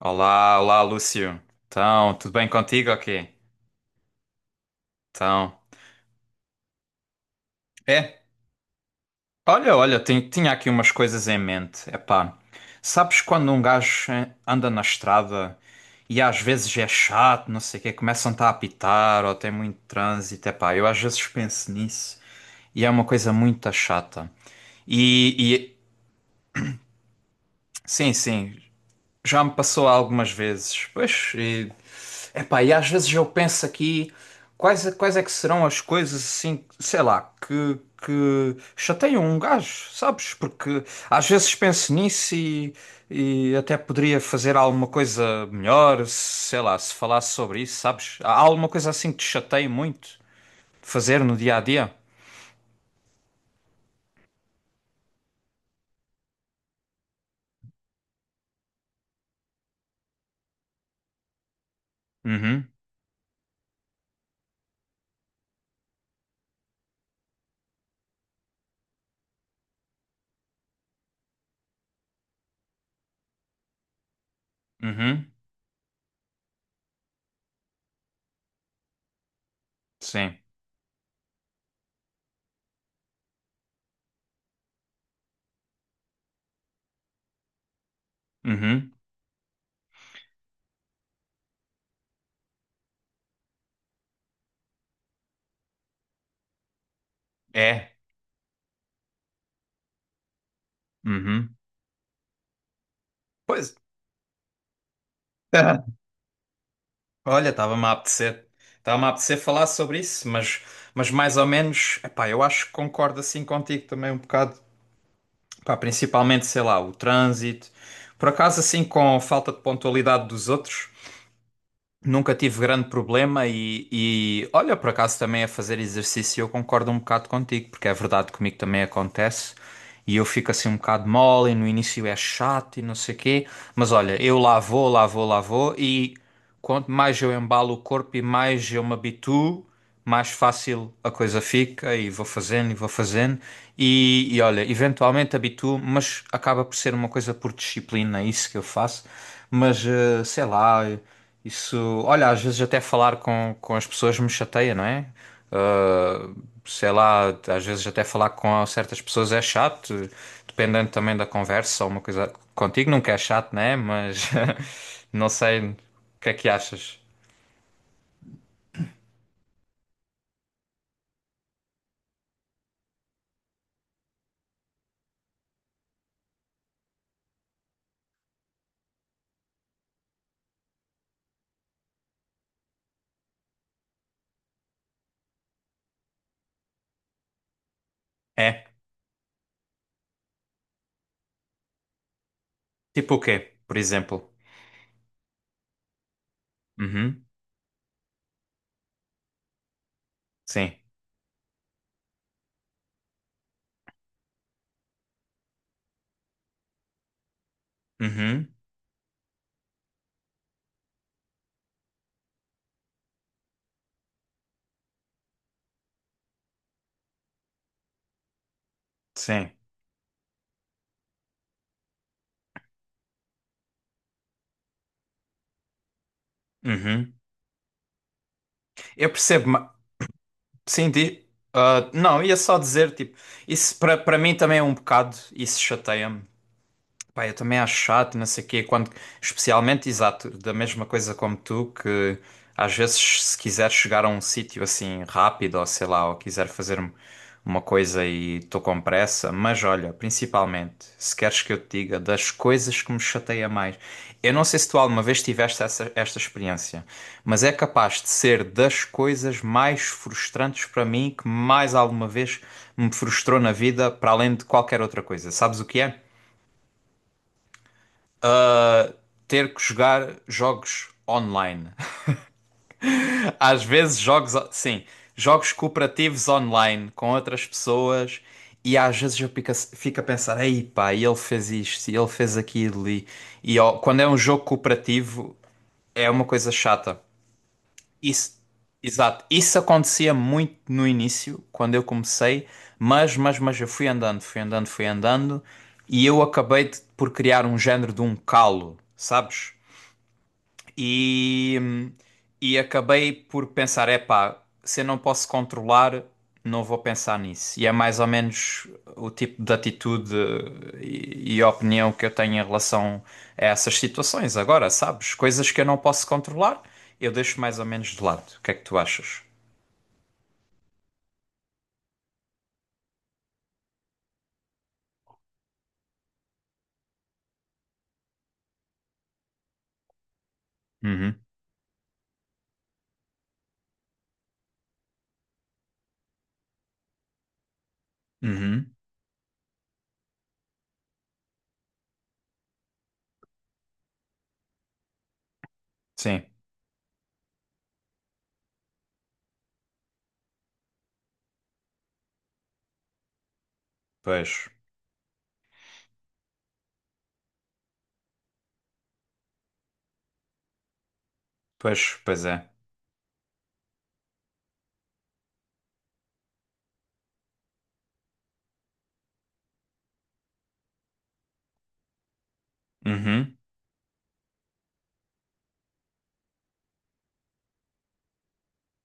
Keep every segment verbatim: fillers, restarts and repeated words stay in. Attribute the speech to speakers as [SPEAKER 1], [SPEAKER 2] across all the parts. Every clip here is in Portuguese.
[SPEAKER 1] Olá, olá, Lúcio. Então, tudo bem contigo? Ok. Então, é. Olha, olha, tin- tinha aqui umas coisas em mente. Epá, sabes quando um gajo eh, anda na estrada e às vezes é chato, não sei o quê, começam-te a apitar ou tem muito trânsito. Epá, eu às vezes penso nisso e é uma coisa muito chata. E, e- sim, sim, já me passou algumas vezes. Pois, epá, e às vezes eu penso aqui quais, quais é que serão as coisas assim, sei lá, que, que chateiam um gajo, sabes? Porque às vezes penso nisso e, e até poderia fazer alguma coisa melhor, sei lá, se falasse sobre isso, sabes? Há alguma coisa assim que te chateia muito de fazer no dia a dia? Uhum, uhum, sim, uhum, é, uhum. Pois. Olha, estava-me a apetecer, estava-me a apetecer falar sobre isso, mas, mas mais ou menos, epá, eu acho que concordo assim contigo também um bocado, pá, principalmente, sei lá, o trânsito, por acaso assim com a falta de pontualidade dos outros, nunca tive grande problema e, e olha, por acaso também a fazer exercício eu concordo um bocado contigo, porque é verdade comigo também acontece e eu fico assim um bocado mole e no início é chato e não sei quê, mas olha, eu lá vou, lá vou, lá vou e quanto mais eu embalo o corpo e mais eu me habituo, mais fácil a coisa fica e vou fazendo e vou fazendo e, e olha, eventualmente habituo, mas acaba por ser uma coisa por disciplina, é isso que eu faço, mas eh, sei lá. Isso, olha, às vezes até falar com, com as pessoas me chateia, não é? Ah, sei lá, às vezes até falar com certas pessoas é chato, dependendo também da conversa ou uma coisa. Contigo nunca é chato, não é? Mas não sei o que é que achas. É? Tipo o quê, por exemplo? Uhum, sim. Uhum, sim. Uhum. Eu percebo, ma- sim, di... ah, não, ia só dizer, tipo, isso para para mim também é um bocado, isso chateia-me. Pá, eu também acho chato, não sei o quê, quando, especialmente, exato, da mesma coisa como tu, que às vezes se quiser chegar a um sítio assim rápido, ou sei lá, ou quiser fazer um- uma coisa e estou com pressa, mas olha, principalmente, se queres que eu te diga das coisas que me chateia mais, eu não sei se tu alguma vez tiveste essa, esta experiência, mas é capaz de ser das coisas mais frustrantes para mim, que mais alguma vez me frustrou na vida, para além de qualquer outra coisa. Sabes o que é? Ter que jogar jogos online. Às vezes jogos, sim, jogos cooperativos online com outras pessoas e às vezes eu fico, a- fico a pensar, ei pá, e ele fez isto, e ele fez aquilo e, e ó, quando é um jogo cooperativo é uma coisa chata. Isso, exato. Isso acontecia muito no início, quando eu comecei, mas, mas, mas eu fui andando, fui andando, fui andando, e eu acabei de- por criar um género de um calo, sabes? E, e acabei por pensar: é pá, se eu não posso controlar, não vou pensar nisso. E é mais ou menos o tipo de atitude e, e opinião que eu tenho em relação a essas situações. Agora, sabes? Coisas que eu não posso controlar, eu deixo mais ou menos de lado. O que é que tu achas? Uhum, uhum, sim, pois, pois, pois é. Uhum,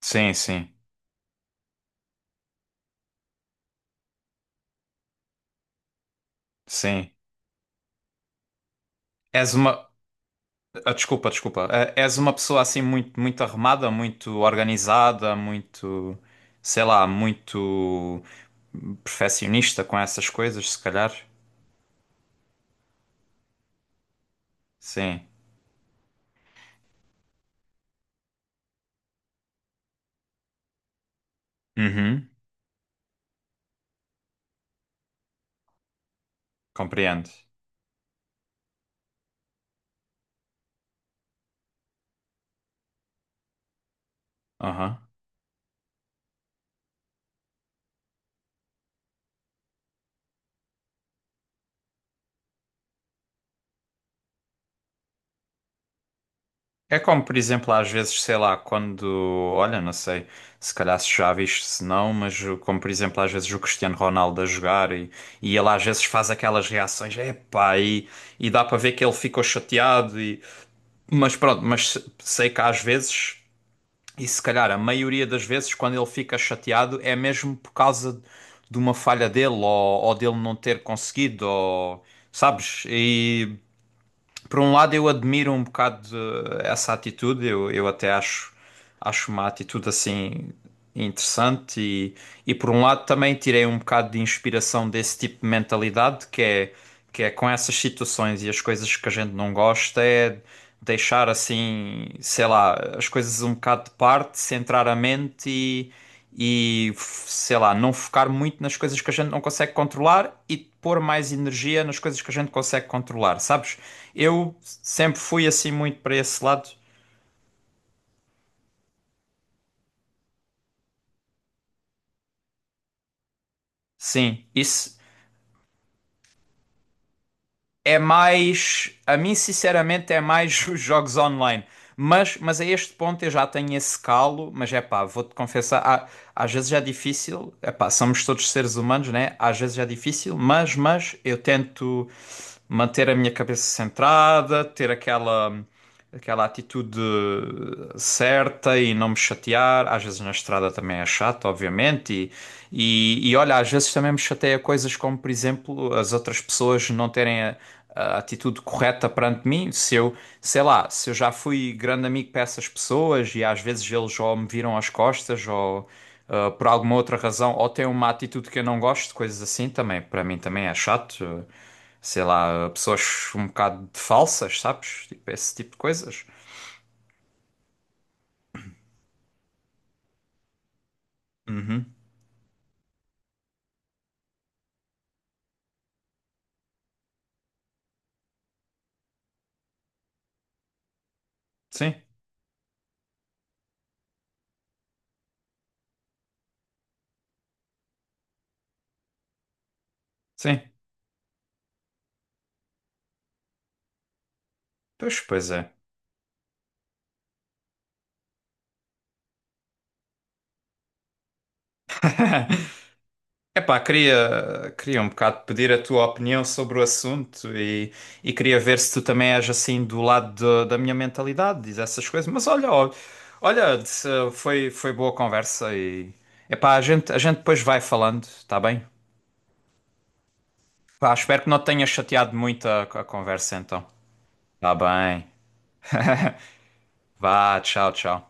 [SPEAKER 1] sim, sim, sim. És uma. Ah, desculpa, desculpa. Ah, és uma pessoa assim muito, muito arrumada, muito organizada, muito, sei lá, muito perfeccionista com essas coisas, se calhar. Sim. Uhum. Compreendo. Aham. É como, por exemplo, às vezes, sei lá, quando, olha, não sei, se calhar se já viste, se não, mas uh, como, por exemplo, às vezes o Cristiano Ronaldo a jogar e, e ele às vezes faz aquelas reações, epá, e, e dá para ver que ele ficou chateado. Mas pronto, mas se- sei que às vezes, e se calhar a maioria das vezes, quando ele fica chateado, é mesmo por causa de uma falha dele ou, ou dele não ter conseguido, ou, sabes? E por um lado, eu admiro um bocado eh, essa atitude, eu, eu até acho, acho uma atitude assim interessante, e, e por um lado também tirei um bocado de inspiração desse tipo de mentalidade, que é, que é com essas situações e as coisas que a gente não gosta, é deixar assim, sei lá, as coisas um bocado de parte, centrar a mente e, e, sei lá, não focar muito nas coisas que a gente não consegue controlar e pôr mais energia nas coisas que a gente consegue controlar, sabes? Eu sempre fui assim muito para esse lado. Sim, isso é mais, a mim sinceramente é mais os jogos online. Mas, mas a este ponto eu já tenho esse calo, mas é pá, vou-te confessar, há- às vezes é difícil, é pá, somos todos seres humanos, né? Às vezes é difícil, mas, mas eu tento manter a minha cabeça centrada, ter aquela aquela atitude certa e não me chatear. Às vezes na estrada também é chato, obviamente. E, e, e olha, às vezes também me chateia coisas como, por exemplo, as outras pessoas não terem a, a atitude correta perante mim. Se eu, sei lá, se eu já fui grande amigo para essas pessoas e às vezes eles ou me viram às costas ou. Ah, por alguma outra razão, ou têm uma atitude que eu não gosto, coisas assim também, para mim também é chato, sei lá, pessoas um bocado de falsas, sabes? Tipo, esse tipo de coisas. Sim, sim. Pois, pois é. Epá, queria, queria um bocado pedir a tua opinião sobre o assunto e, e queria ver se tu também és assim do lado de- da minha mentalidade, diz essas coisas. Mas olha, ó, olha, se- foi, foi boa conversa e epá, a gente, a gente depois vai falando, tá bem? Pá, espero que não te tenha chateado muito a, a conversa então. Tá bem. Vá, tchau, tchau.